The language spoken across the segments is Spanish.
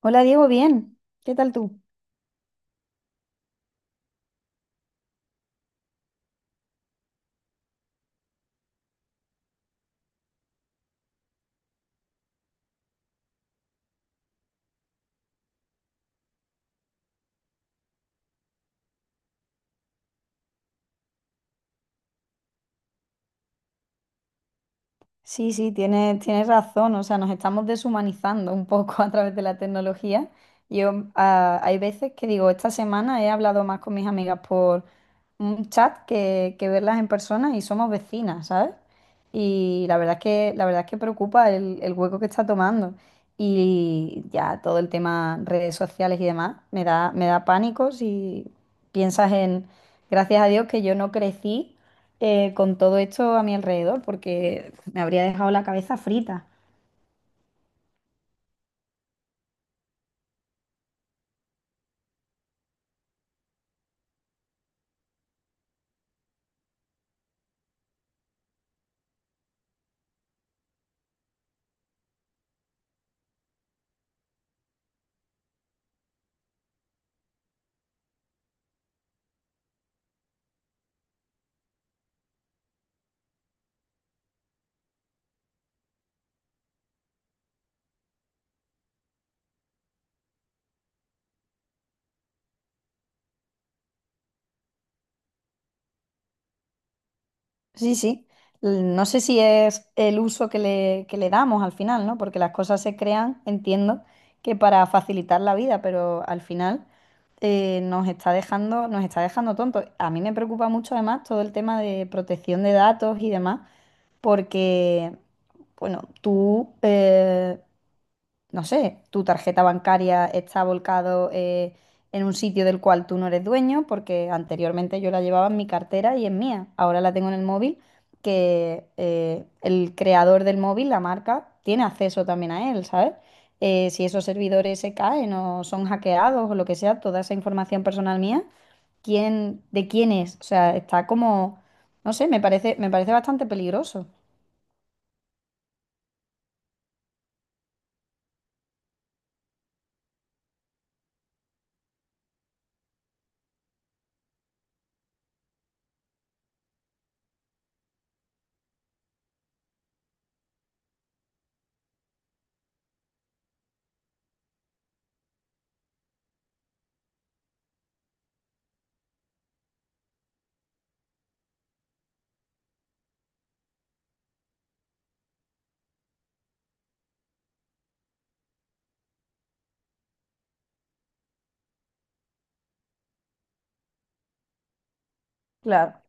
Hola Diego, bien. ¿Qué tal tú? Sí, sí, tienes, tienes razón. O sea, nos estamos deshumanizando un poco a través de la tecnología. Yo, hay veces que digo, esta semana he hablado más con mis amigas por un chat que verlas en persona y somos vecinas, ¿sabes? Y la verdad es que, la verdad es que preocupa el hueco que está tomando. Y ya todo el tema redes sociales y demás me da pánico si piensas en, gracias a Dios que yo no crecí, con todo esto a mi alrededor, porque me habría dejado la cabeza frita. Sí, sí. No sé si es el uso que le damos al final, ¿no? Porque las cosas se crean, entiendo, que para facilitar la vida, pero al final nos está dejando tontos. A mí me preocupa mucho además todo el tema de protección de datos y demás, porque, bueno, tú, no sé, tu tarjeta bancaria está volcado, en un sitio del cual tú no eres dueño, porque anteriormente yo la llevaba en mi cartera y es mía. Ahora la tengo en el móvil, que el creador del móvil, la marca, tiene acceso también a él, ¿sabes? Si esos servidores se caen o son hackeados o lo que sea, toda esa información personal mía, ¿quién, de quién es? O sea, está como, no sé, me parece bastante peligroso. Claro.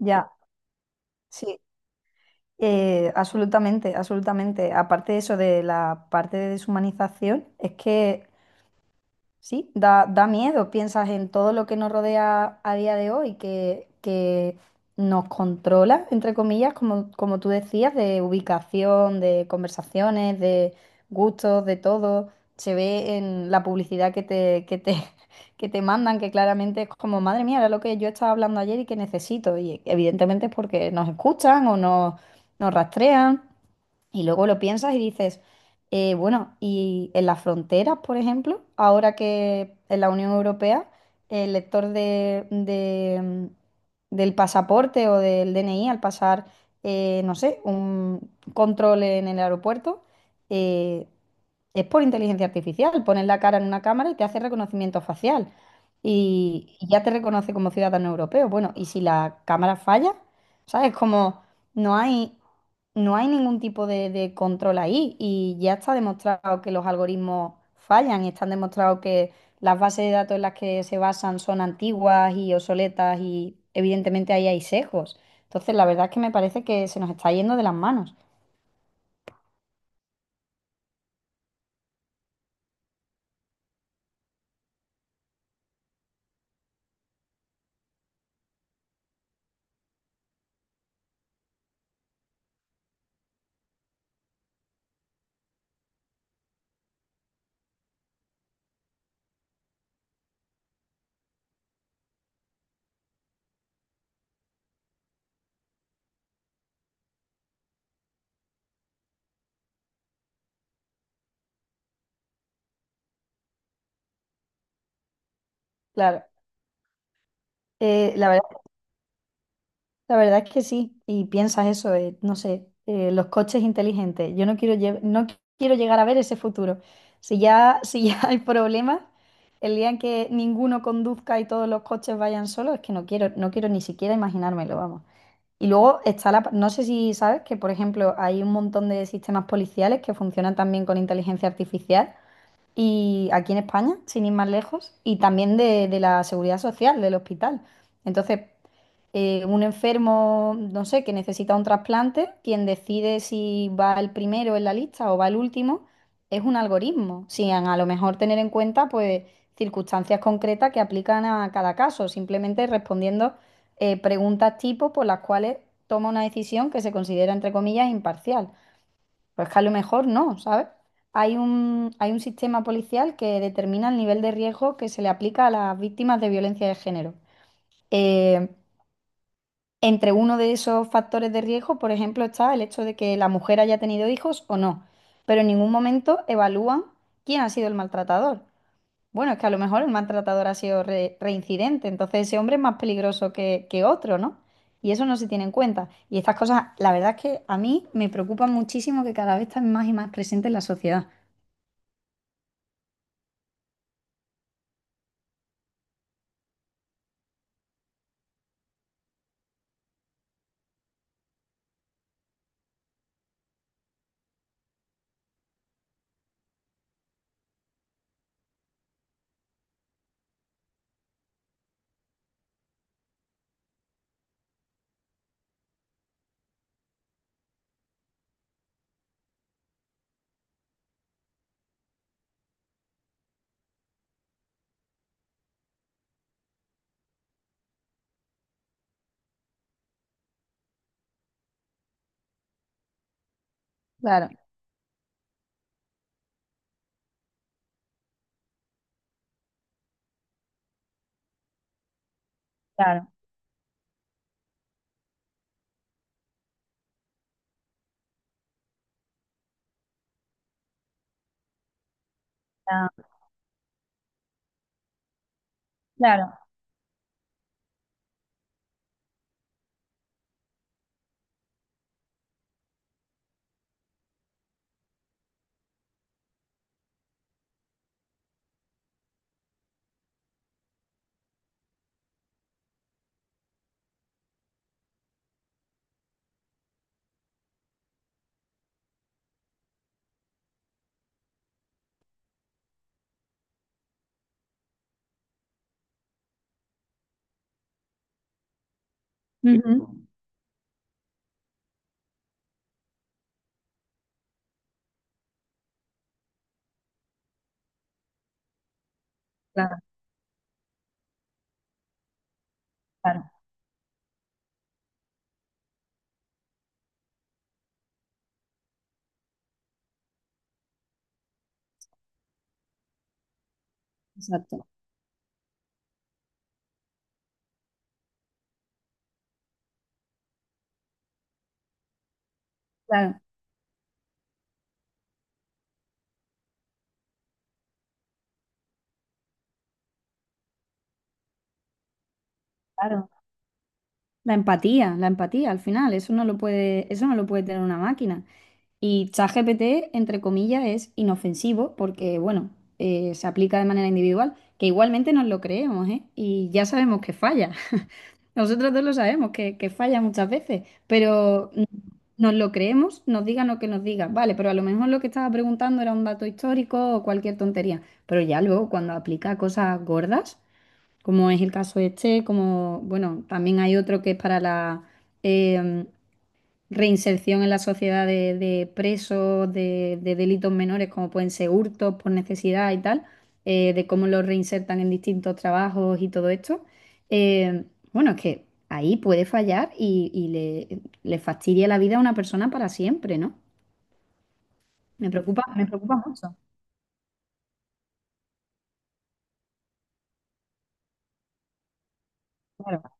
Ya. Sí. Absolutamente, absolutamente. Aparte de eso, de la parte de deshumanización, es que sí, da, da miedo. Piensas en todo lo que nos rodea a día de hoy, que nos controla, entre comillas, como, como tú decías, de ubicación, de conversaciones, de gustos, de todo. Se ve en la publicidad que te mandan, que claramente es como, madre mía, era lo que yo estaba hablando ayer y que necesito. Y evidentemente es porque nos escuchan o nos, nos rastrean. Y luego lo piensas y dices, bueno, y en las fronteras, por ejemplo, ahora que en la Unión Europea el lector del pasaporte o del DNI al pasar, no sé, un control en el aeropuerto, eh, es por inteligencia artificial. Pones la cara en una cámara y te hace reconocimiento facial y ya te reconoce como ciudadano europeo. Bueno, y si la cámara falla, ¿sabes? Como no hay no hay ningún tipo de control ahí y ya está demostrado que los algoritmos fallan, están demostrados que las bases de datos en las que se basan son antiguas y obsoletas y evidentemente ahí hay sesgos. Entonces, la verdad es que me parece que se nos está yendo de las manos. Claro, eh, la verdad La verdad es que sí, y piensas eso, no sé, los coches inteligentes. Yo no quiero, no quiero llegar a ver ese futuro. Si ya, si ya hay problemas, el día en que ninguno conduzca y todos los coches vayan solos, es que no quiero, no quiero ni siquiera imaginármelo, vamos. Y luego está la, no sé si sabes que, por ejemplo, hay un montón de sistemas policiales que funcionan también con inteligencia artificial, y aquí en España, sin ir más lejos, y también de la seguridad social, del hospital. Entonces, un enfermo, no sé, que necesita un trasplante, quien decide si va el primero en la lista o va el último, es un algoritmo, sin a lo mejor tener en cuenta pues circunstancias concretas que aplican a cada caso, simplemente respondiendo preguntas tipo por las cuales toma una decisión que se considera, entre comillas, imparcial. Pues que a lo mejor no, ¿sabes? Hay un sistema policial que determina el nivel de riesgo que se le aplica a las víctimas de violencia de género. Eh, entre uno de esos factores de riesgo, por ejemplo, está el hecho de que la mujer haya tenido hijos o no, pero en ningún momento evalúan quién ha sido el maltratador. Bueno, es que a lo mejor el maltratador ha sido reincidente, entonces ese hombre es más peligroso que otro, ¿no? Y eso no se tiene en cuenta. Y estas cosas, la verdad es que a mí me preocupan muchísimo que cada vez están más y más presentes en la sociedad. Claro, claro, claro, claro. Ujú. Claro, claro. Exacto. Claro. Claro. La empatía al final, eso no lo puede, eso no lo puede tener una máquina. Y ChatGPT, entre comillas, es inofensivo porque, bueno, se aplica de manera individual, que igualmente nos lo creemos, ¿eh? Y ya sabemos que falla. Nosotros dos lo sabemos, que falla muchas veces, pero nos lo creemos, nos digan lo que nos digan, vale, pero a lo mejor lo que estaba preguntando era un dato histórico o cualquier tontería, pero ya luego cuando aplica cosas gordas como es el caso este, como, bueno, también hay otro que es para la eh, reinserción en la sociedad de presos, de delitos menores, como pueden ser hurtos por necesidad y tal, de cómo los reinsertan en distintos trabajos y todo esto. Eh, bueno, es que ahí puede fallar y le fastidia la vida a una persona para siempre, ¿no? Me preocupa mucho, claro.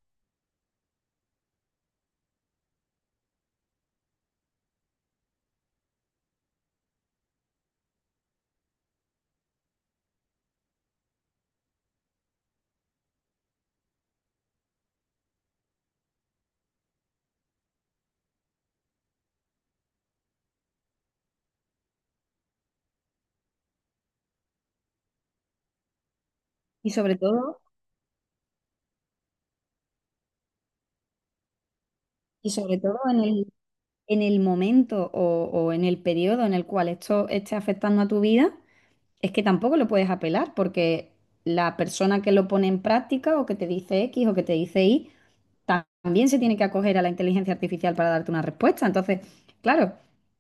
Y sobre todo, y sobre todo en el momento o en el periodo en el cual esto esté afectando a tu vida, es que tampoco lo puedes apelar porque la persona que lo pone en práctica o que te dice X o que te dice Y, también se tiene que acoger a la inteligencia artificial para darte una respuesta. Entonces, claro,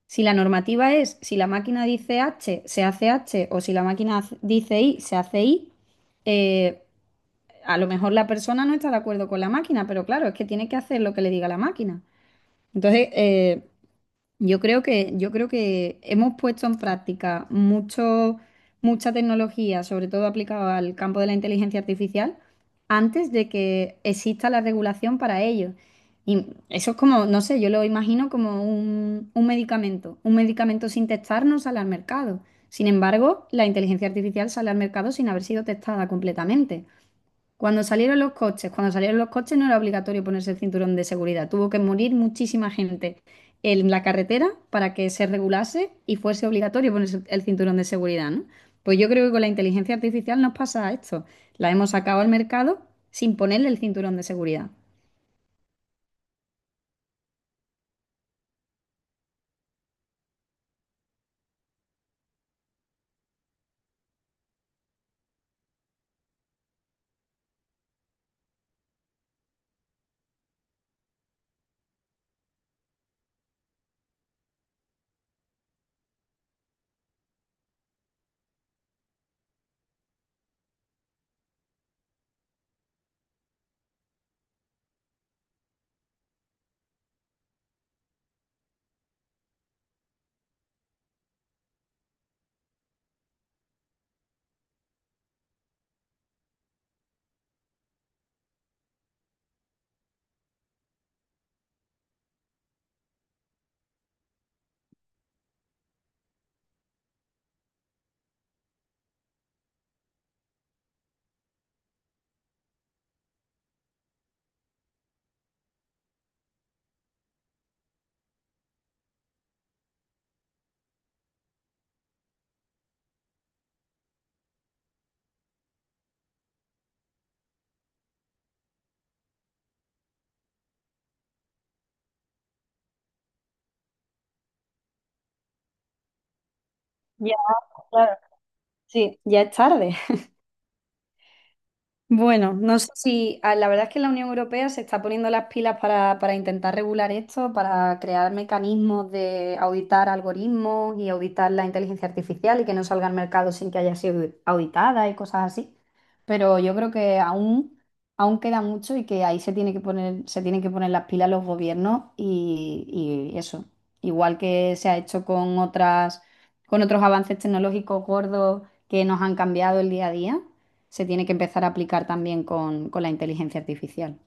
si la normativa es, si la máquina dice H, se hace H, o si la máquina dice Y, se hace Y, eh, a lo mejor la persona no está de acuerdo con la máquina, pero claro, es que tiene que hacer lo que le diga la máquina. Entonces, yo creo que hemos puesto en práctica mucho, mucha tecnología, sobre todo aplicada al campo de la inteligencia artificial, antes de que exista la regulación para ello. Y eso es como, no sé, yo lo imagino como un medicamento sin testar no sale al mercado. Sin embargo, la inteligencia artificial sale al mercado sin haber sido testada completamente. Cuando salieron los coches, cuando salieron los coches no era obligatorio ponerse el cinturón de seguridad. Tuvo que morir muchísima gente en la carretera para que se regulase y fuese obligatorio ponerse el cinturón de seguridad, ¿no? Pues yo creo que con la inteligencia artificial nos pasa esto. La hemos sacado al mercado sin ponerle el cinturón de seguridad. Ya, claro. Sí, ya es tarde. Bueno, no sé si la verdad es que la Unión Europea se está poniendo las pilas para intentar regular esto, para crear mecanismos de auditar algoritmos y auditar la inteligencia artificial y que no salga al mercado sin que haya sido auditada y cosas así. Pero yo creo que aún, aún queda mucho y que ahí se tiene que poner, se tienen que poner las pilas los gobiernos y eso. Igual que se ha hecho con otras, con otros avances tecnológicos gordos que nos han cambiado el día a día se tiene que empezar a aplicar también con la inteligencia artificial.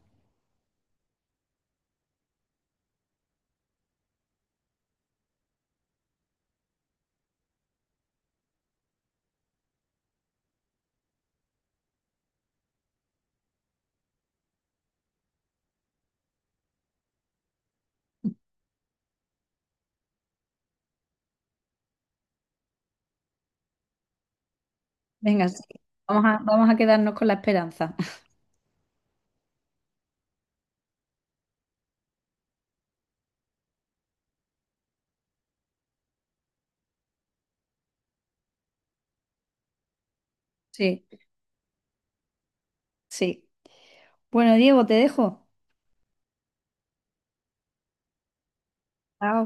Venga, sí. Vamos a, vamos a quedarnos con la esperanza. Sí. Sí. Bueno, Diego, te dejo. Chao.